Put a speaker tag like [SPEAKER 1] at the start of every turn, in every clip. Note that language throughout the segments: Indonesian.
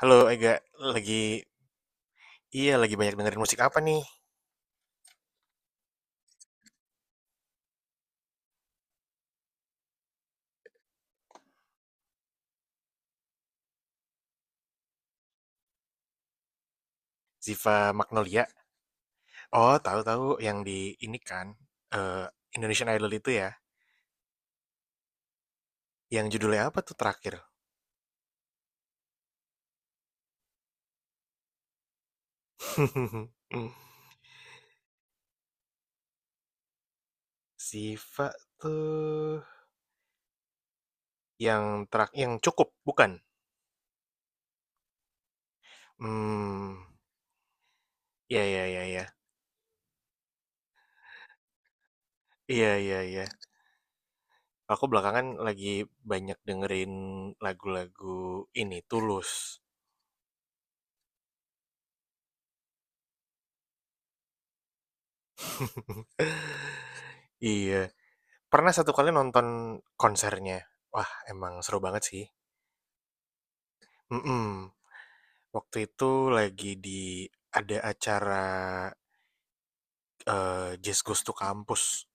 [SPEAKER 1] Halo, Ega, lagi, iya, lagi banyak dengerin musik apa, nih? Ziva Magnolia. Oh, tahu-tahu yang di ini kan, eh, Indonesian Idol itu, ya. Yang judulnya apa tuh terakhir? Ziva tuh yang terakhir yang cukup, bukan? Hmm, iya, iya, iya, iya. Iya, iya, iya. Aku belakangan lagi banyak dengerin lagu-lagu ini Tulus. Iya. Pernah satu kali nonton konsernya. Wah, emang seru banget sih. Mhm. Waktu itu lagi ada acara, Jazz Goes to Campus,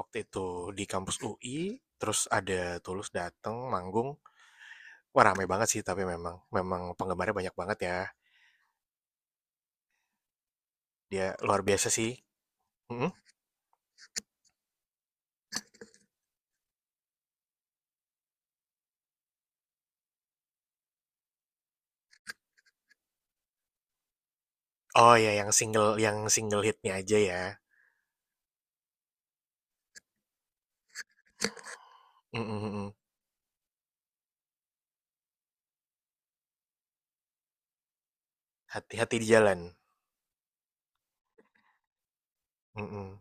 [SPEAKER 1] waktu itu di kampus UI, terus ada Tulus dateng manggung. Wah, rame banget sih, tapi memang penggemarnya banyak banget ya. Dia luar biasa sih. Mhm? Oh, ya, yang single hitnya aja ya. Mhm, mhm. Hati-hati di jalan. Mhm.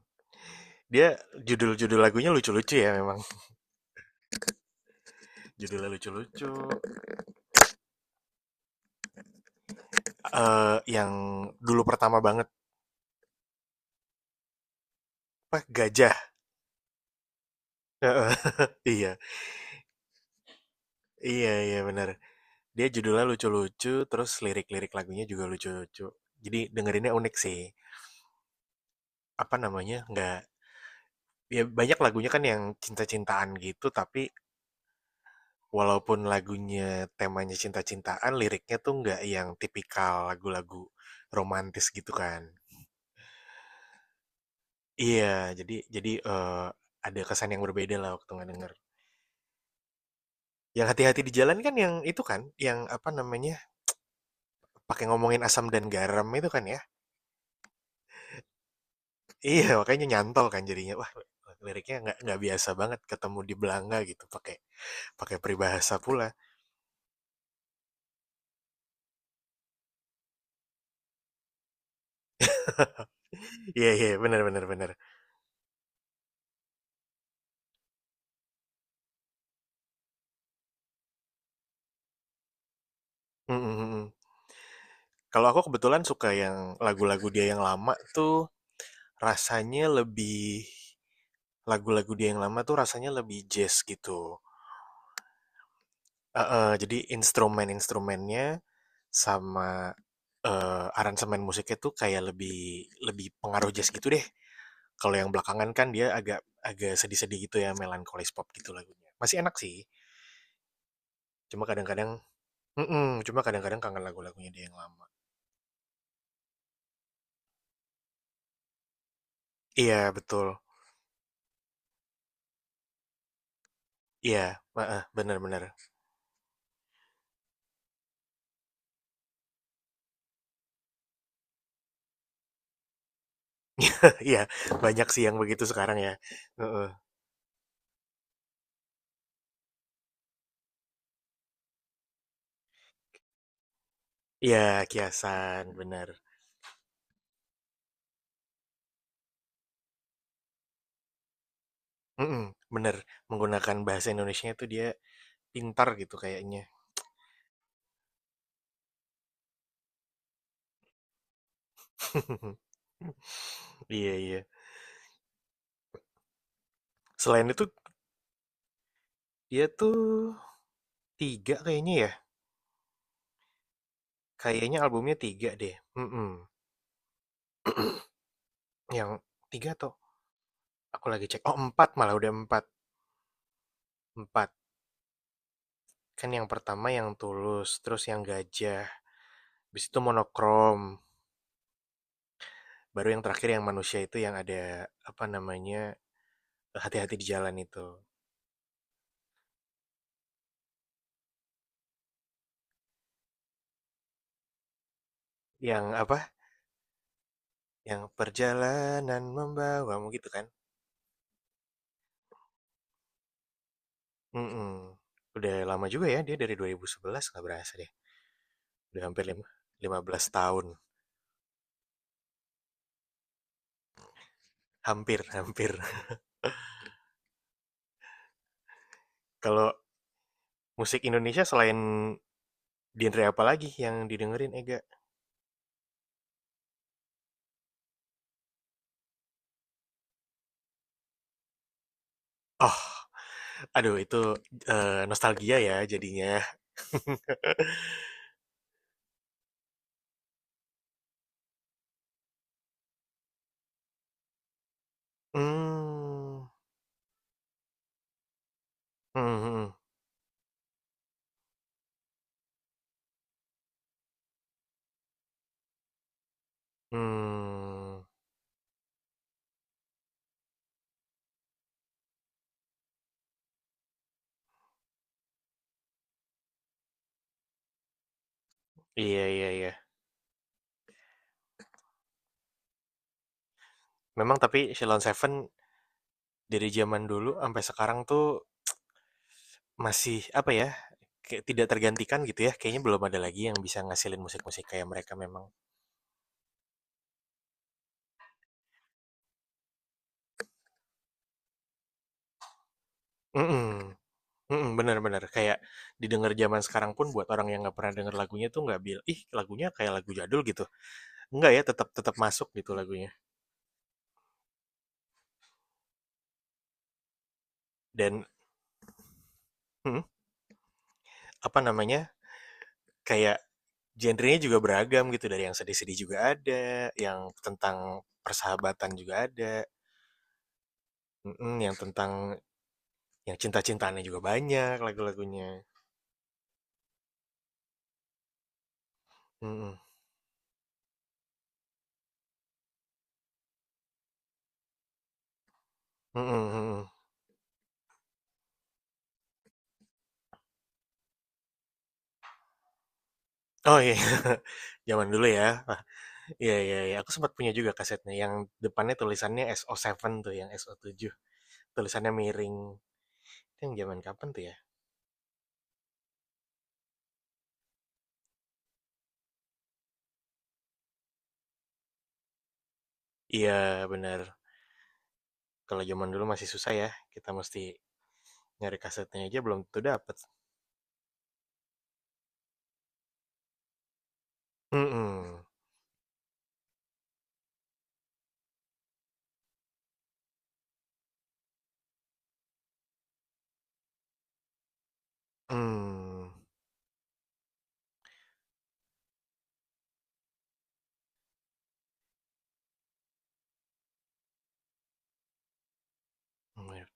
[SPEAKER 1] Dia judul-judul lagunya lucu-lucu ya memang. Judulnya lucu-lucu. Yang dulu pertama banget, apa, Gajah. Heeh, iya, iya, iya, benar, dia judulnya lucu-lucu, terus lirik-lirik lagunya juga lucu-lucu, jadi dengerinnya unik sih, apa namanya, nggak, ya, banyak lagunya kan yang cinta-cintaan gitu, tapi walaupun lagunya temanya cinta-cintaan, liriknya tuh nggak yang tipikal lagu-lagu romantis gitu kan. Iya, jadi, ada kesan yang berbeda lah waktu nggak denger yang hati-hati di jalan kan, yang itu kan, yang apa namanya, pakai ngomongin asam dan garam itu kan, ya? Iya, makanya nyantol kan jadinya. Wah, liriknya nggak biasa banget ketemu di Belanga gitu, pakai pakai peribahasa pula. Iya, iya, benar, benar, bener. Mhm, mhm. Kalau aku kebetulan suka yang lagu-lagu dia yang lama tuh rasanya lebih lagu-lagu dia yang lama tuh rasanya lebih jazz gitu. Heeh, jadi instrumen-instrumennya sama, aransemen musiknya tuh kayak lebih lebih pengaruh jazz gitu deh. Kalau yang belakangan kan dia agak agak sedih-sedih gitu ya, melankolis pop gitu lagunya. Masih enak sih, cuma kadang-kadang mhm, cuma kadang-kadang kangen lagu-lagunya dia yang lama. Iya betul, iya, heeh, bener, bener. Iya, banyak sih yang begitu sekarang, ya, heeh. Iya, kiasan, bener. Mhm, bener, menggunakan bahasa Indonesia tuh dia pintar gitu kayaknya. Iya, iya. Selain itu, dia tuh 3 kayaknya ya? Kayaknya albumnya 3 deh, mhm. Yang 3 atau aku lagi cek, oh empat, malah udah 4 4 Kan yang pertama yang Tulus, terus yang Gajah, habis itu Monokrom, baru yang terakhir yang Manusia itu, yang ada, apa namanya, Hati-Hati di Jalan itu. Yang apa, yang perjalanan membawamu gitu kan? Mhm. Udah lama juga ya dia dari 2011, nggak berasa deh, udah hampir lima lima belas tahun, hampir, hampir. Kalau Musik Indonesia, selain genre apa lagi yang didengerin Ega? Oh, aduh, itu, nostalgia ya jadinya. Hmm, hmm, hmm, hmm. Iya, iya, iya. Memang tapi Sheila Seven dari zaman dulu sampai sekarang tuh masih apa ya? Kayak tidak tergantikan gitu ya. Kayaknya belum ada lagi yang bisa ngasilin musik-musik kayak mereka memang. Mm-mm. Mhm, benar, bener, kayak didengar zaman sekarang pun, buat orang yang nggak pernah denger lagunya tuh, nggak bil "Ih, lagunya kayak lagu jadul," gitu. Enggak ya, tetap tetap masuk gitu lagunya. Dan mhm, apa namanya, kayak genrenya juga beragam gitu, dari yang sedih-sedih juga ada, yang tentang persahabatan juga ada, mhm, yang tentang yang cinta-cintaannya juga banyak lagu-lagunya. Mhm, mhm, mhm. Oh, iya. Zaman dulu ya. Wah, iya, iya, iya, aku sempat punya juga kasetnya yang depannya tulisannya SO7 tuh, yang SO7. Tulisannya miring. Yang zaman kapan tuh ya? Iya, benar. Kalau zaman dulu masih susah ya, kita mesti nyari kasetnya aja belum tentu dapat. Hmm, hmm.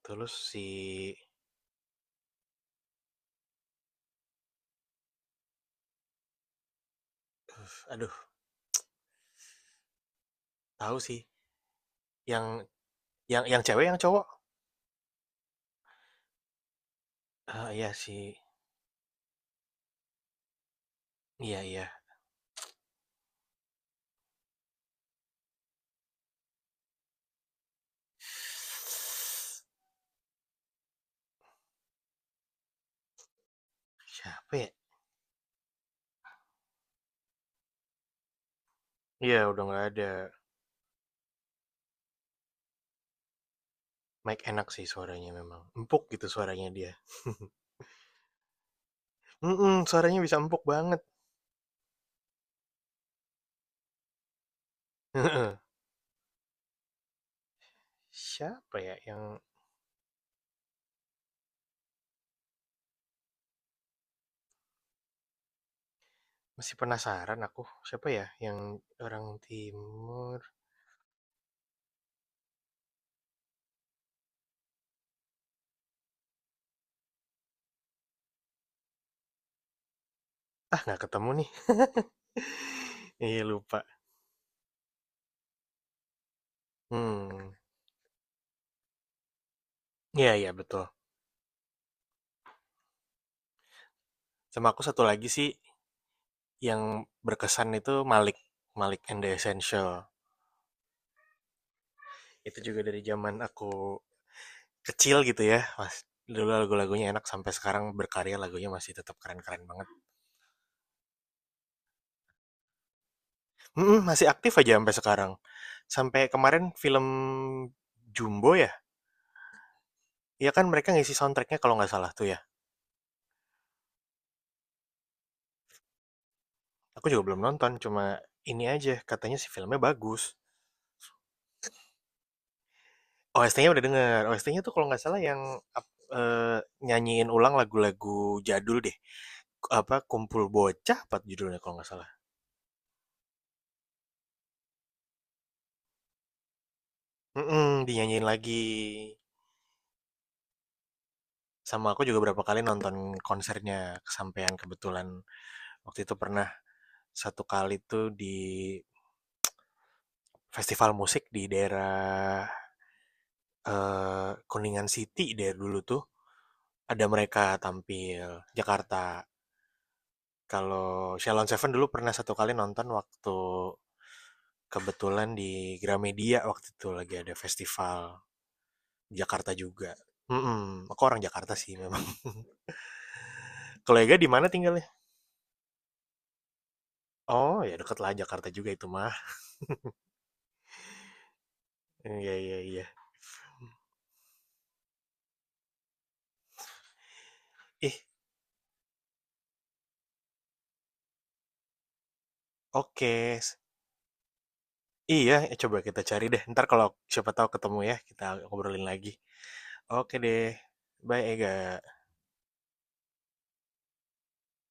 [SPEAKER 1] Terus si, aduh, tahu sih, yang yang cewek, yang cowok? Ah, iya sih, iya, iya. Siapa ya? Iya, udah nggak ada. Mike enak sih suaranya memang, empuk gitu suaranya dia. Hmm, suaranya bisa empuk banget. Siapa ya yang... Masih penasaran aku, siapa ya yang orang timur? Ah, nggak ketemu nih. Iya, lupa. Hmm, iya, iya, betul. Sama aku satu lagi sih yang berkesan itu, Malik. Malik and the Essential. Itu juga dari zaman aku kecil gitu ya, Mas. Dulu lagu-lagunya enak, sampai sekarang berkarya lagunya masih tetap keren-keren banget. Mm-mm, masih aktif aja sampai sekarang. Sampai kemarin film Jumbo ya, iya kan mereka ngisi soundtracknya kalau nggak salah tuh ya. Aku juga belum nonton, cuma ini aja, katanya si filmnya bagus. OST-nya udah denger, OST-nya tuh kalau nggak salah yang ap- eh, nyanyiin ulang lagu-lagu jadul deh. Apa, Kumpul Bocah apa judulnya kalau nggak salah. Dinyanyiin lagi. Sama aku juga berapa kali nonton konsernya, kesampaian kebetulan. Waktu itu pernah satu kali tuh di festival musik di daerah, Kuningan City, dari dulu tuh. Ada mereka tampil, Jakarta. Kalau Shalon Seven dulu pernah satu kali nonton waktu kebetulan di Gramedia, waktu itu lagi ada festival, Jakarta juga. Mhm, aku orang Jakarta sih memang. Kalau Ega di mana tinggalnya? Oh, ya, deket lah Jakarta juga itu mah. Iya, iya, iya. Ih, oke. Iya, coba kita cari deh. Ntar kalau siapa tahu ketemu ya, kita ngobrolin lagi. Oke deh. Bye, Ega.